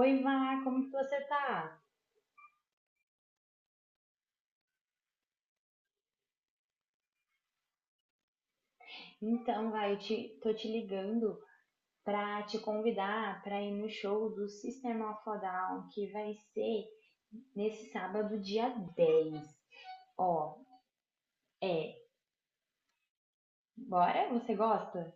Oi, Vá, como que você tá? Então, vai, tô te ligando pra te convidar pra ir no show do System of a Down, que vai ser nesse sábado, dia 10. Ó, é, bora? Você gosta?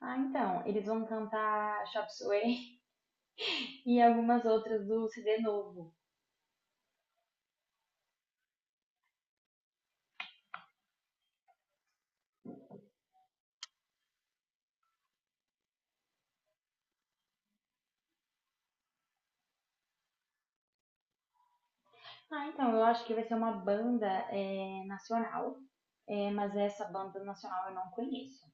Ah, então, eles vão cantar Chop Suey e algumas outras do CD novo. Ah, então, eu acho que vai ser uma banda é, nacional, é, mas essa banda nacional eu não conheço.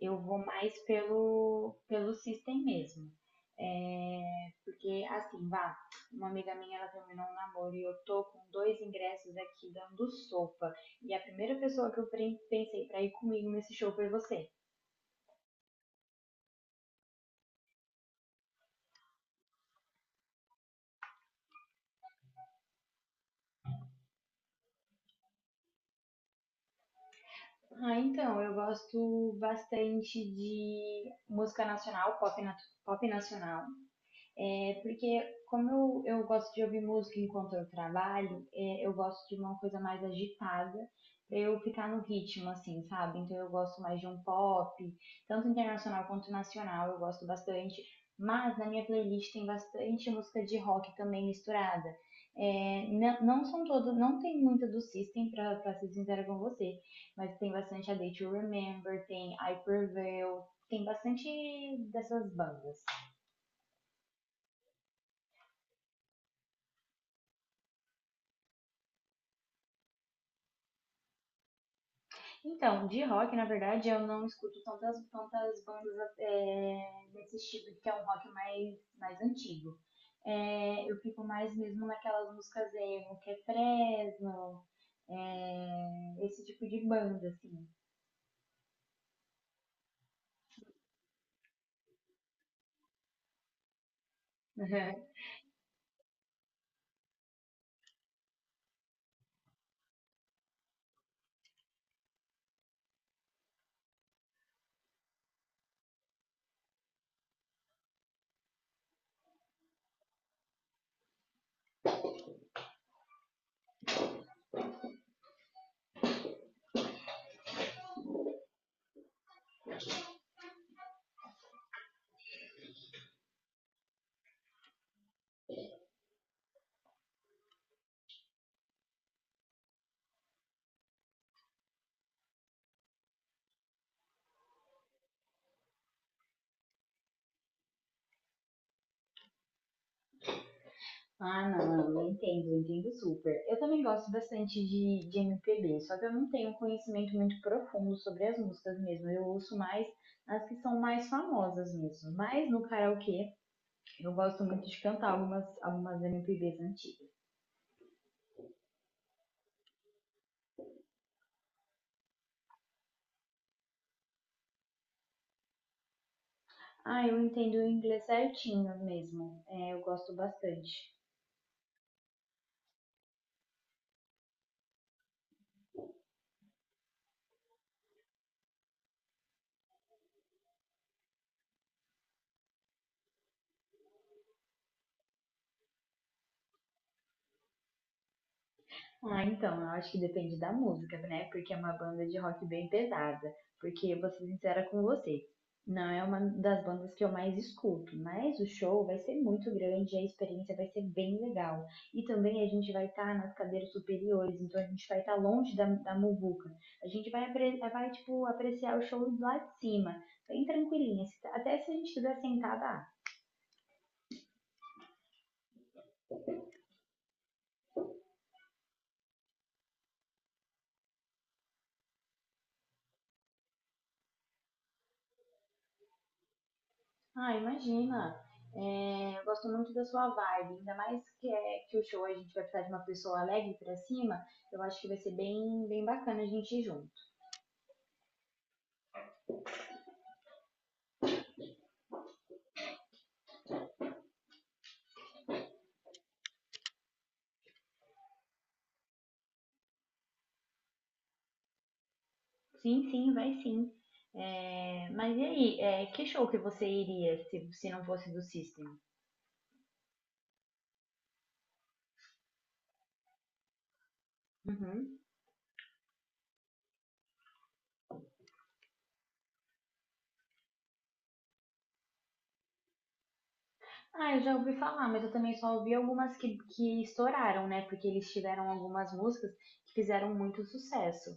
Eu vou mais pelo system mesmo. É, porque, assim, vá, uma amiga minha, ela terminou um namoro e eu tô com dois ingressos aqui dando sopa. E a primeira pessoa que eu pensei pra ir comigo nesse show foi você. Ah, então, eu gosto bastante de música nacional, pop, pop nacional. É, porque como eu gosto de ouvir música enquanto eu trabalho, é, eu gosto de uma coisa mais agitada pra eu ficar no ritmo, assim, sabe? Então eu gosto mais de um pop, tanto internacional quanto nacional, eu gosto bastante. Mas na minha playlist tem bastante música de rock também misturada. É, não, não são todas, não tem muita do System, pra ser sincera com você, mas tem bastante A Day to Remember, tem I Prevail, tem bastante dessas bandas. Então, de rock, na verdade, eu não escuto tantas bandas é, desse estilo, que é um rock mais antigo. É, eu fico mais mesmo naquelas músicas emo, que é Fresno, é, esse tipo de banda, assim. Ah, não, eu entendo super. Eu também gosto bastante de MPB, só que eu não tenho um conhecimento muito profundo sobre as músicas mesmo. Eu ouço mais as que são mais famosas mesmo. Mas no karaokê eu gosto muito de cantar algumas MPBs antigas. Ah, eu entendo o inglês certinho mesmo. É, eu gosto bastante. Ah, então, eu acho que depende da música, né? Porque é uma banda de rock bem pesada. Porque, vou ser sincera com você, não é uma das bandas que eu mais escuto, mas o show vai ser muito grande, a experiência vai ser bem legal. E também a gente vai estar nas cadeiras superiores, então a gente vai estar longe da muvuca. A gente vai, tipo, apreciar o show lá de cima, bem tranquilinha. Até se a gente estiver sentada, ah. Ah, imagina. É, eu gosto muito da sua vibe, ainda mais que, é, que o show a gente vai precisar de uma pessoa alegre pra cima. Eu acho que vai ser bem, bem bacana a gente ir junto. Sim, sim, vai sim. É, mas e aí, é, que show que você iria se não fosse do System? Uhum. Ah, eu já ouvi falar, mas eu também só ouvi algumas que estouraram, né? Porque eles tiveram algumas músicas que fizeram muito sucesso.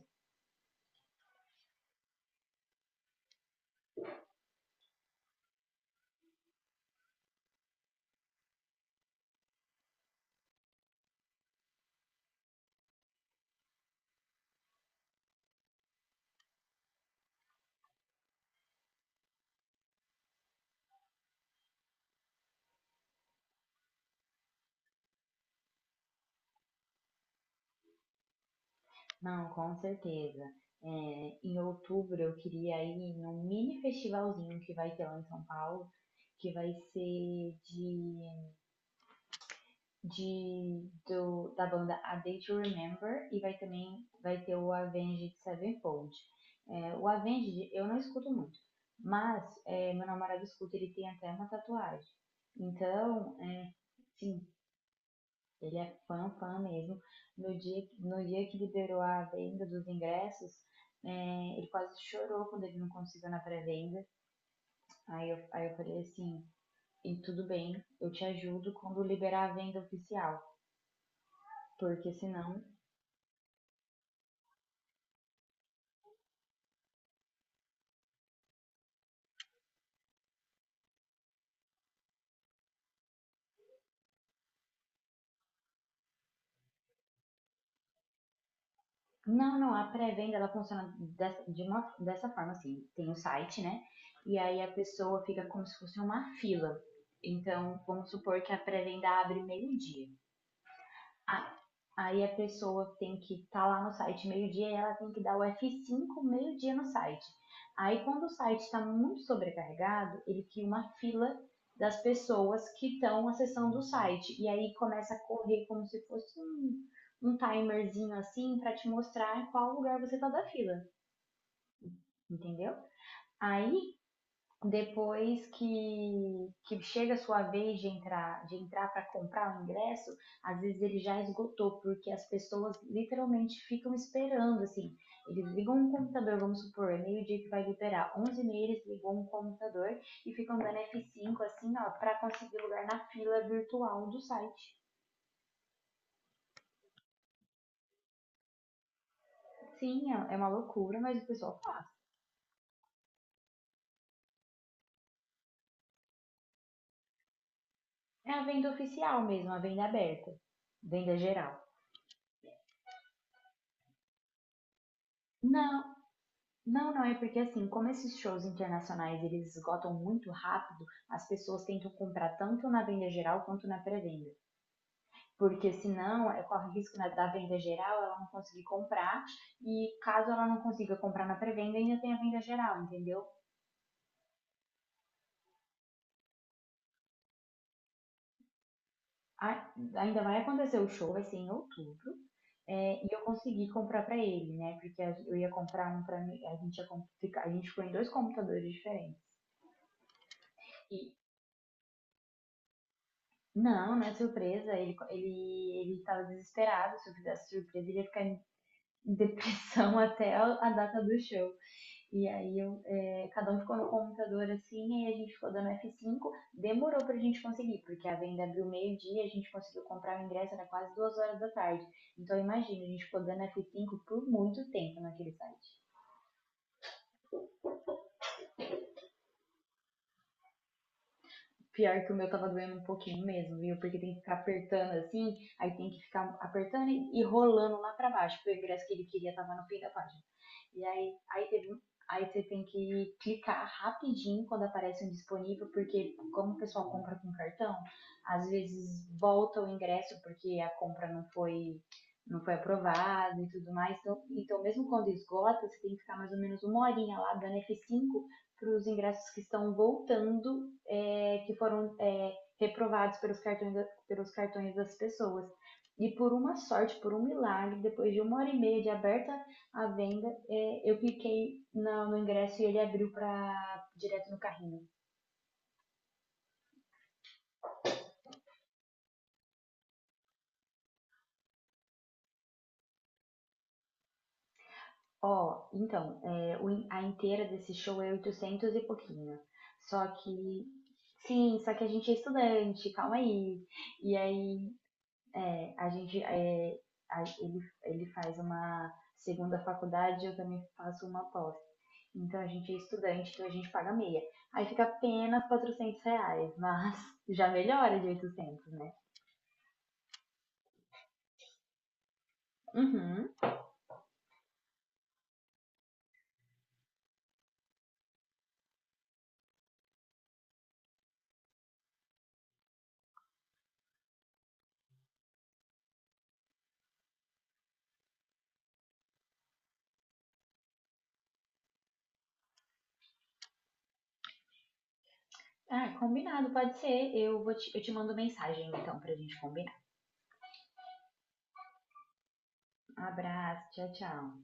Não, com certeza. É, em outubro eu queria ir num mini festivalzinho que vai ter lá em São Paulo, que vai ser da banda A Day to Remember e vai também vai ter o Avenged Sevenfold. É, o Avenged eu não escuto muito, mas é, meu namorado escuta, ele tem até uma tatuagem. Então, é, sim, ele é fã, fã mesmo. No dia que liberou a venda dos ingressos, é, ele quase chorou quando ele não conseguiu na pré-venda. Aí eu falei assim, e tudo bem, eu te ajudo quando liberar a venda oficial. Porque senão. Não, não, a pré-venda ela funciona dessa forma, assim. Tem o um site, né? E aí a pessoa fica como se fosse uma fila. Então, vamos supor que a pré-venda abre meio-dia. Ah, aí a pessoa tem que estar tá lá no site meio-dia e ela tem que dar o F5 meio-dia no site. Aí quando o site está muito sobrecarregado, ele cria uma fila das pessoas que estão acessando o site. E aí começa a correr como se fosse um timerzinho assim para te mostrar qual lugar você está da fila, entendeu? Aí depois que chega a sua vez de entrar para comprar o ingresso, às vezes ele já esgotou, porque as pessoas literalmente ficam esperando, assim. Eles ligam um computador, vamos supor, é meio-dia que vai liberar, 11h eles ligam um computador e ficam dando F5, assim, ó, para conseguir lugar na fila virtual do site. Sim, é uma loucura, mas o pessoal faz. É a venda oficial mesmo, a venda aberta, venda geral. Não, não, não, é porque assim, como esses shows internacionais eles esgotam muito rápido, as pessoas tentam comprar tanto na venda geral quanto na pré-venda. Porque senão é, corre o risco da venda geral ela não conseguir comprar, e caso ela não consiga comprar na pré-venda, ainda tem a venda geral, entendeu? Ainda vai acontecer o show, vai ser em outubro, é, e eu consegui comprar pra ele, né? Porque eu ia comprar um pra mim, a gente ficou em dois computadores diferentes. E não, não é surpresa. Ele tava desesperado. Se eu fizesse surpresa, ele ia ficar em depressão até a data do show. E aí, eu, é, cada um ficou no computador assim, e aí a gente ficou dando F5. Demorou pra gente conseguir, porque a venda abriu meio-dia, a gente conseguiu comprar o ingresso, era quase 2 horas da tarde. Então, imagina, a gente ficou dando F5 por muito tempo naquele site. Pior que o meu tava doendo um pouquinho mesmo, viu? Porque tem que ficar apertando assim, aí tem que ficar apertando e rolando lá pra baixo, porque o ingresso que ele queria tava no fim da página. E aí, aí teve um- Aí você tem que clicar rapidinho quando aparece um disponível, porque como o pessoal compra com cartão, às vezes volta o ingresso porque a compra não foi aprovada e tudo mais. Então, mesmo quando esgota, você tem que ficar mais ou menos uma horinha lá dando F5 para os ingressos que estão voltando é, que foram é, reprovados pelos cartões, pelos cartões das pessoas. E por uma sorte, por um milagre, depois de uma hora e meia de aberta a venda, é, eu cliquei no ingresso e ele abriu para direto no carrinho. Então, é, o a inteira desse show é 800 e pouquinho. Só que, sim, só que a gente é estudante, calma aí. E aí a gente, é, a- ele faz uma segunda faculdade, eu também faço uma pós. Então a gente é estudante, então a gente paga meia. Aí fica apenas R$ 400, mas já melhora de 800 né? Uhum. Ah, combinado, pode ser. Eu te mando mensagem então pra gente combinar. Um abraço, tchau, tchau.